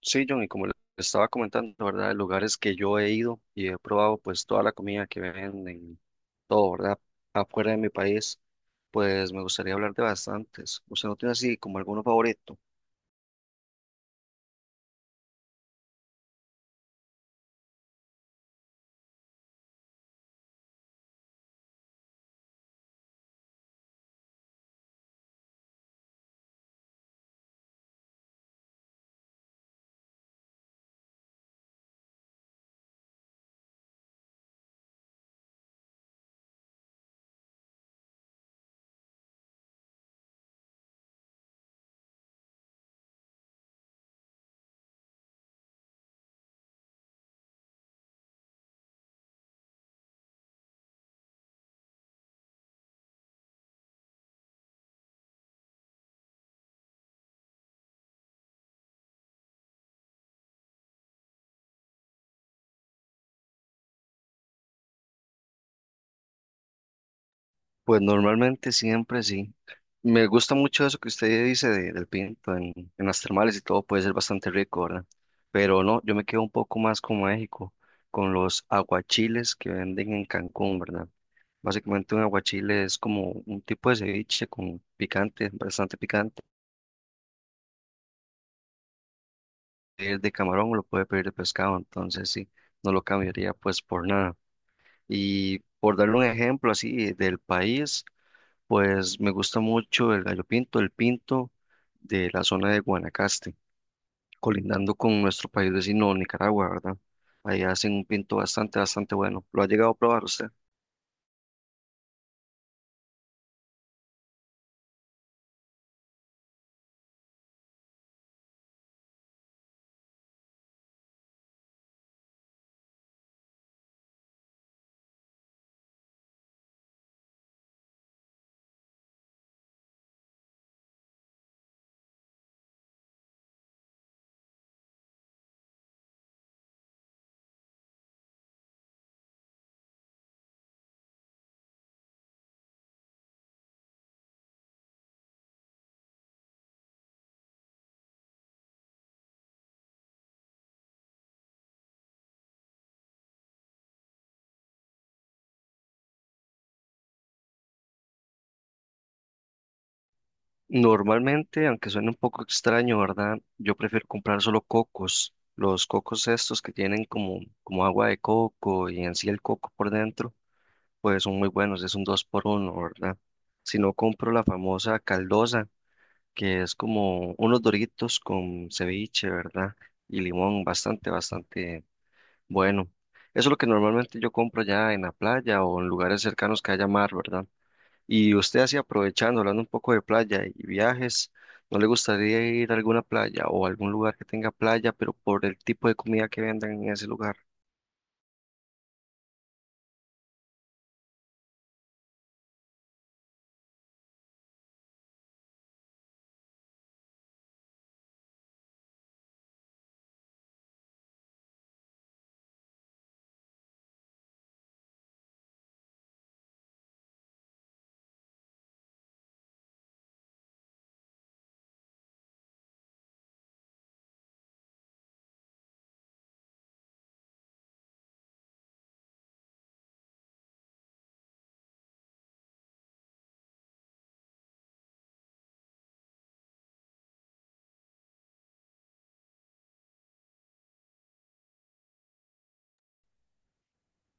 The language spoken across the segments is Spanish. Sí, John, y como le estaba comentando, ¿verdad? De lugares que yo he ido y he probado, pues toda la comida que venden, todo, ¿verdad? Afuera de mi país, pues me gustaría hablar de bastantes. ¿Usted no tiene así como alguno favorito? Pues normalmente siempre sí. Me gusta mucho eso que usted dice del pinto en las termales y todo, puede ser bastante rico, ¿verdad? Pero no, yo me quedo un poco más con México, con los aguachiles que venden en Cancún, ¿verdad? Básicamente un aguachile es como un tipo de ceviche con picante, bastante picante. Es de camarón o lo puede pedir de pescado, entonces sí, no lo cambiaría pues por nada. Y por darle un ejemplo así del país, pues me gusta mucho el gallo pinto, el pinto de la zona de Guanacaste, colindando con nuestro país vecino Nicaragua, ¿verdad? Ahí hacen un pinto bastante, bastante bueno. ¿Lo ha llegado a probar usted? Normalmente, aunque suene un poco extraño, ¿verdad? Yo prefiero comprar solo cocos, los cocos estos que tienen como, como agua de coco y en sí el coco por dentro, pues son muy buenos, es un dos por uno, ¿verdad? Si no compro la famosa caldosa, que es como unos doritos con ceviche, ¿verdad? Y limón, bastante, bastante bueno. Eso es lo que normalmente yo compro ya en la playa o en lugares cercanos que haya mar, ¿verdad? Y usted así aprovechando, hablando un poco de playa y viajes, ¿no le gustaría ir a alguna playa o algún lugar que tenga playa, pero por el tipo de comida que vendan en ese lugar?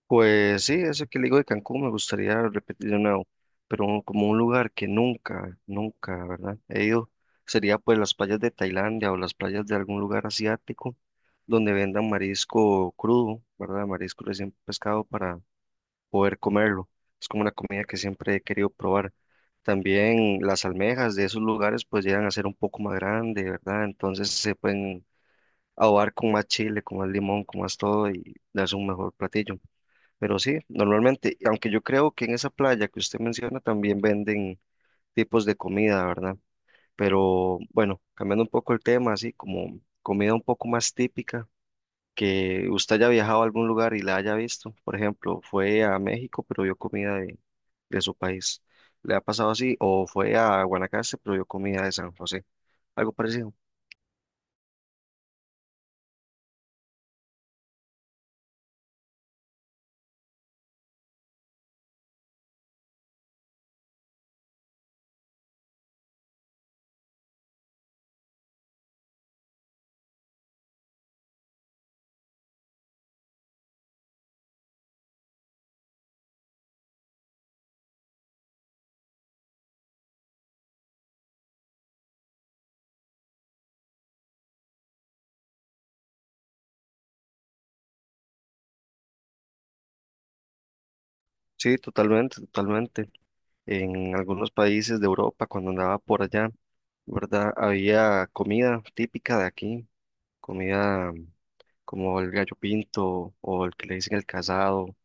Pues sí, eso que le digo de Cancún me gustaría repetir de nuevo, pero como un lugar que nunca, nunca, ¿verdad? He ido, sería pues las playas de Tailandia o las playas de algún lugar asiático donde vendan marisco crudo, ¿verdad? Marisco recién pescado poder comerlo. Es como una comida que siempre he querido probar. También las almejas de esos lugares pues llegan a ser un poco más grandes, ¿verdad? Entonces se pueden ahogar con más chile, con más limón, con más todo y darse un mejor platillo. Pero sí, normalmente, aunque yo creo que en esa playa que usted menciona también venden tipos de comida, ¿verdad? Pero bueno, cambiando un poco el tema, así como comida un poco más típica que usted haya viajado a algún lugar y la haya visto. Por ejemplo, fue a México, pero vio comida de su país. ¿Le ha pasado así? O fue a Guanacaste, pero vio comida de San José. Algo parecido. Sí, totalmente, totalmente. En algunos países de Europa, cuando andaba por allá, ¿verdad? Había comida típica de aquí, comida, como el gallo pinto o el que le dicen el casado,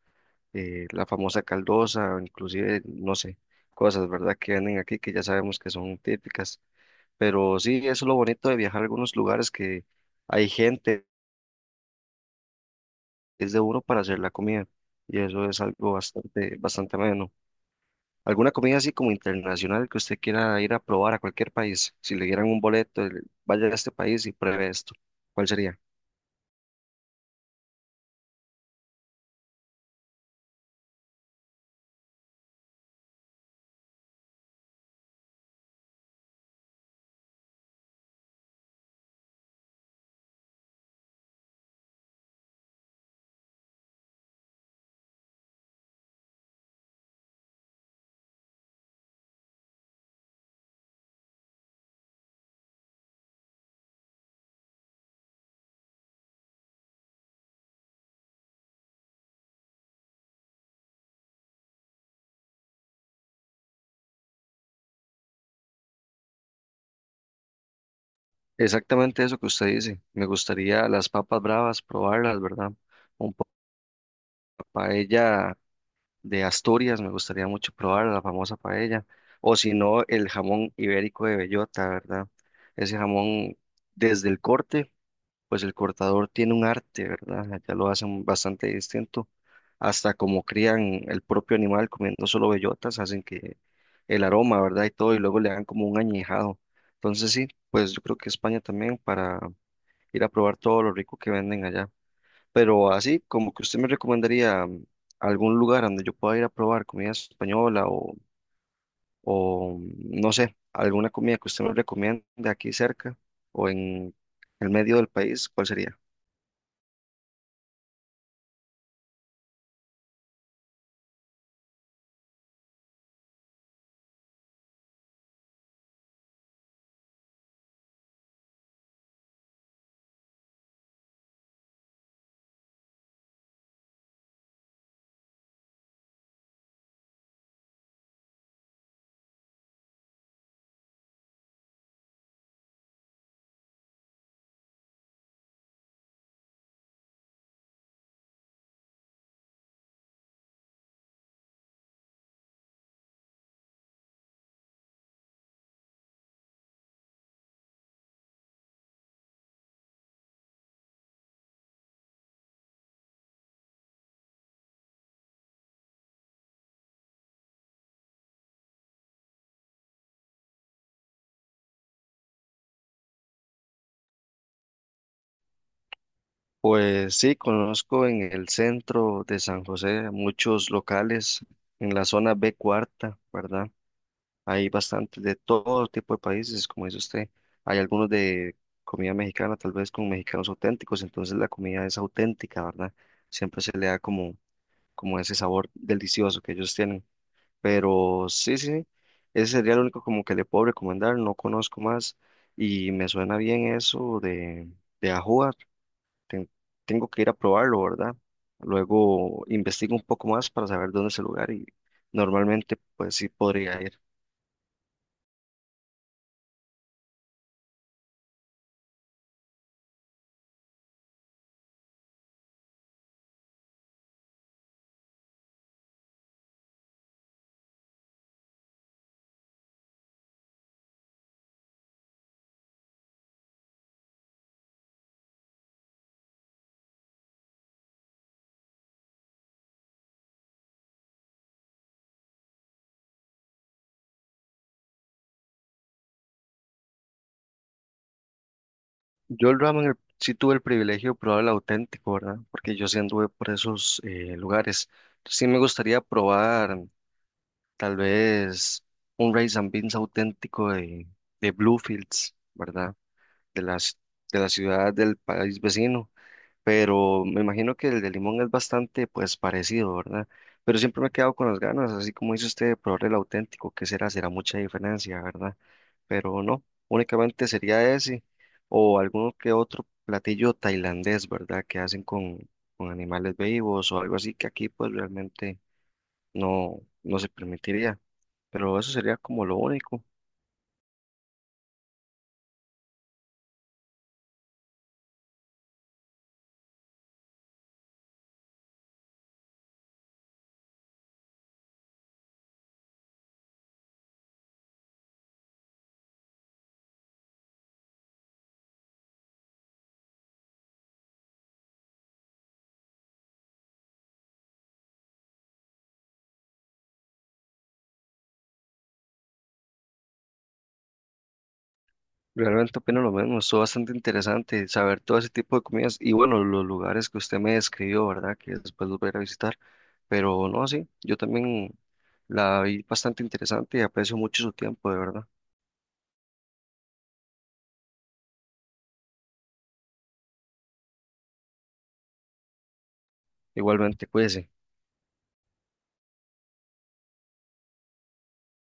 la famosa caldosa, inclusive, no sé, cosas, ¿verdad? Que venden aquí que ya sabemos que son típicas. Pero sí, eso es lo bonito de viajar a algunos lugares que hay gente, es de uno para hacer la comida. Y eso es algo bastante, bastante ameno. ¿Alguna comida así como internacional que usted quiera ir a probar a cualquier país? Si le dieran un boleto, vaya a este país y pruebe esto. ¿Cuál sería? Exactamente eso que usted dice. Me gustaría las papas bravas, probarlas, ¿verdad? Un pa- paella de Asturias, me gustaría mucho probar la famosa paella, o si no, el jamón ibérico de bellota, ¿verdad? Ese jamón, desde el corte, pues el cortador tiene un arte, ¿verdad? Allá lo hacen bastante distinto, hasta como crían el propio animal comiendo solo bellotas, hacen que el aroma, ¿verdad? Y todo, y luego le dan como un añejado. Entonces sí, pues yo creo que España también para ir a probar todo lo rico que venden allá. Pero así, como que usted me recomendaría, algún lugar donde yo pueda ir a probar comida española o, o, no sé, alguna comida que usted me recomiende aquí cerca o en el medio del país, ¿cuál sería? Pues sí, conozco en el centro de San José muchos locales en la zona B cuarta, ¿verdad? Hay bastante de todo tipo de países, como dice usted. Hay algunos de comida mexicana, tal vez con mexicanos auténticos, entonces la comida es auténtica, ¿verdad? Siempre se le da como, como ese sabor delicioso que ellos tienen. Pero sí, sí, ese sería el único como que le puedo recomendar, no conozco más y me suena bien eso de, ajuar. Ten- Tengo que ir a probarlo, ¿verdad? Luego investigo un poco más para saber dónde es el lugar y normalmente pues sí podría ir. Yo el ramen sí tuve el privilegio de probar el auténtico, ¿verdad? Porque yo sí anduve por esos lugares. Sí me gustaría probar tal vez un rice and beans auténtico de Bluefields, ¿verdad? De las, de la ciudad del país vecino. Pero me imagino que el de Limón es bastante pues parecido, ¿verdad? Pero siempre me he quedado con las ganas, así como dice usted, de probar el auténtico. ¿Qué será? ¿Será mucha diferencia, ¿verdad? Pero no, únicamente sería ese o alguno que otro platillo tailandés, ¿verdad? Que hacen con animales vivos o algo así que aquí pues realmente no, no se permitiría, pero eso sería como lo único. Realmente opino lo mismo, estuvo bastante interesante saber todo ese tipo de comidas y bueno, los lugares que usted me describió, ¿verdad? Que después los voy a ir a visitar, pero no, sí, yo también la vi bastante interesante y aprecio mucho su tiempo, de verdad. Igualmente, cuídese.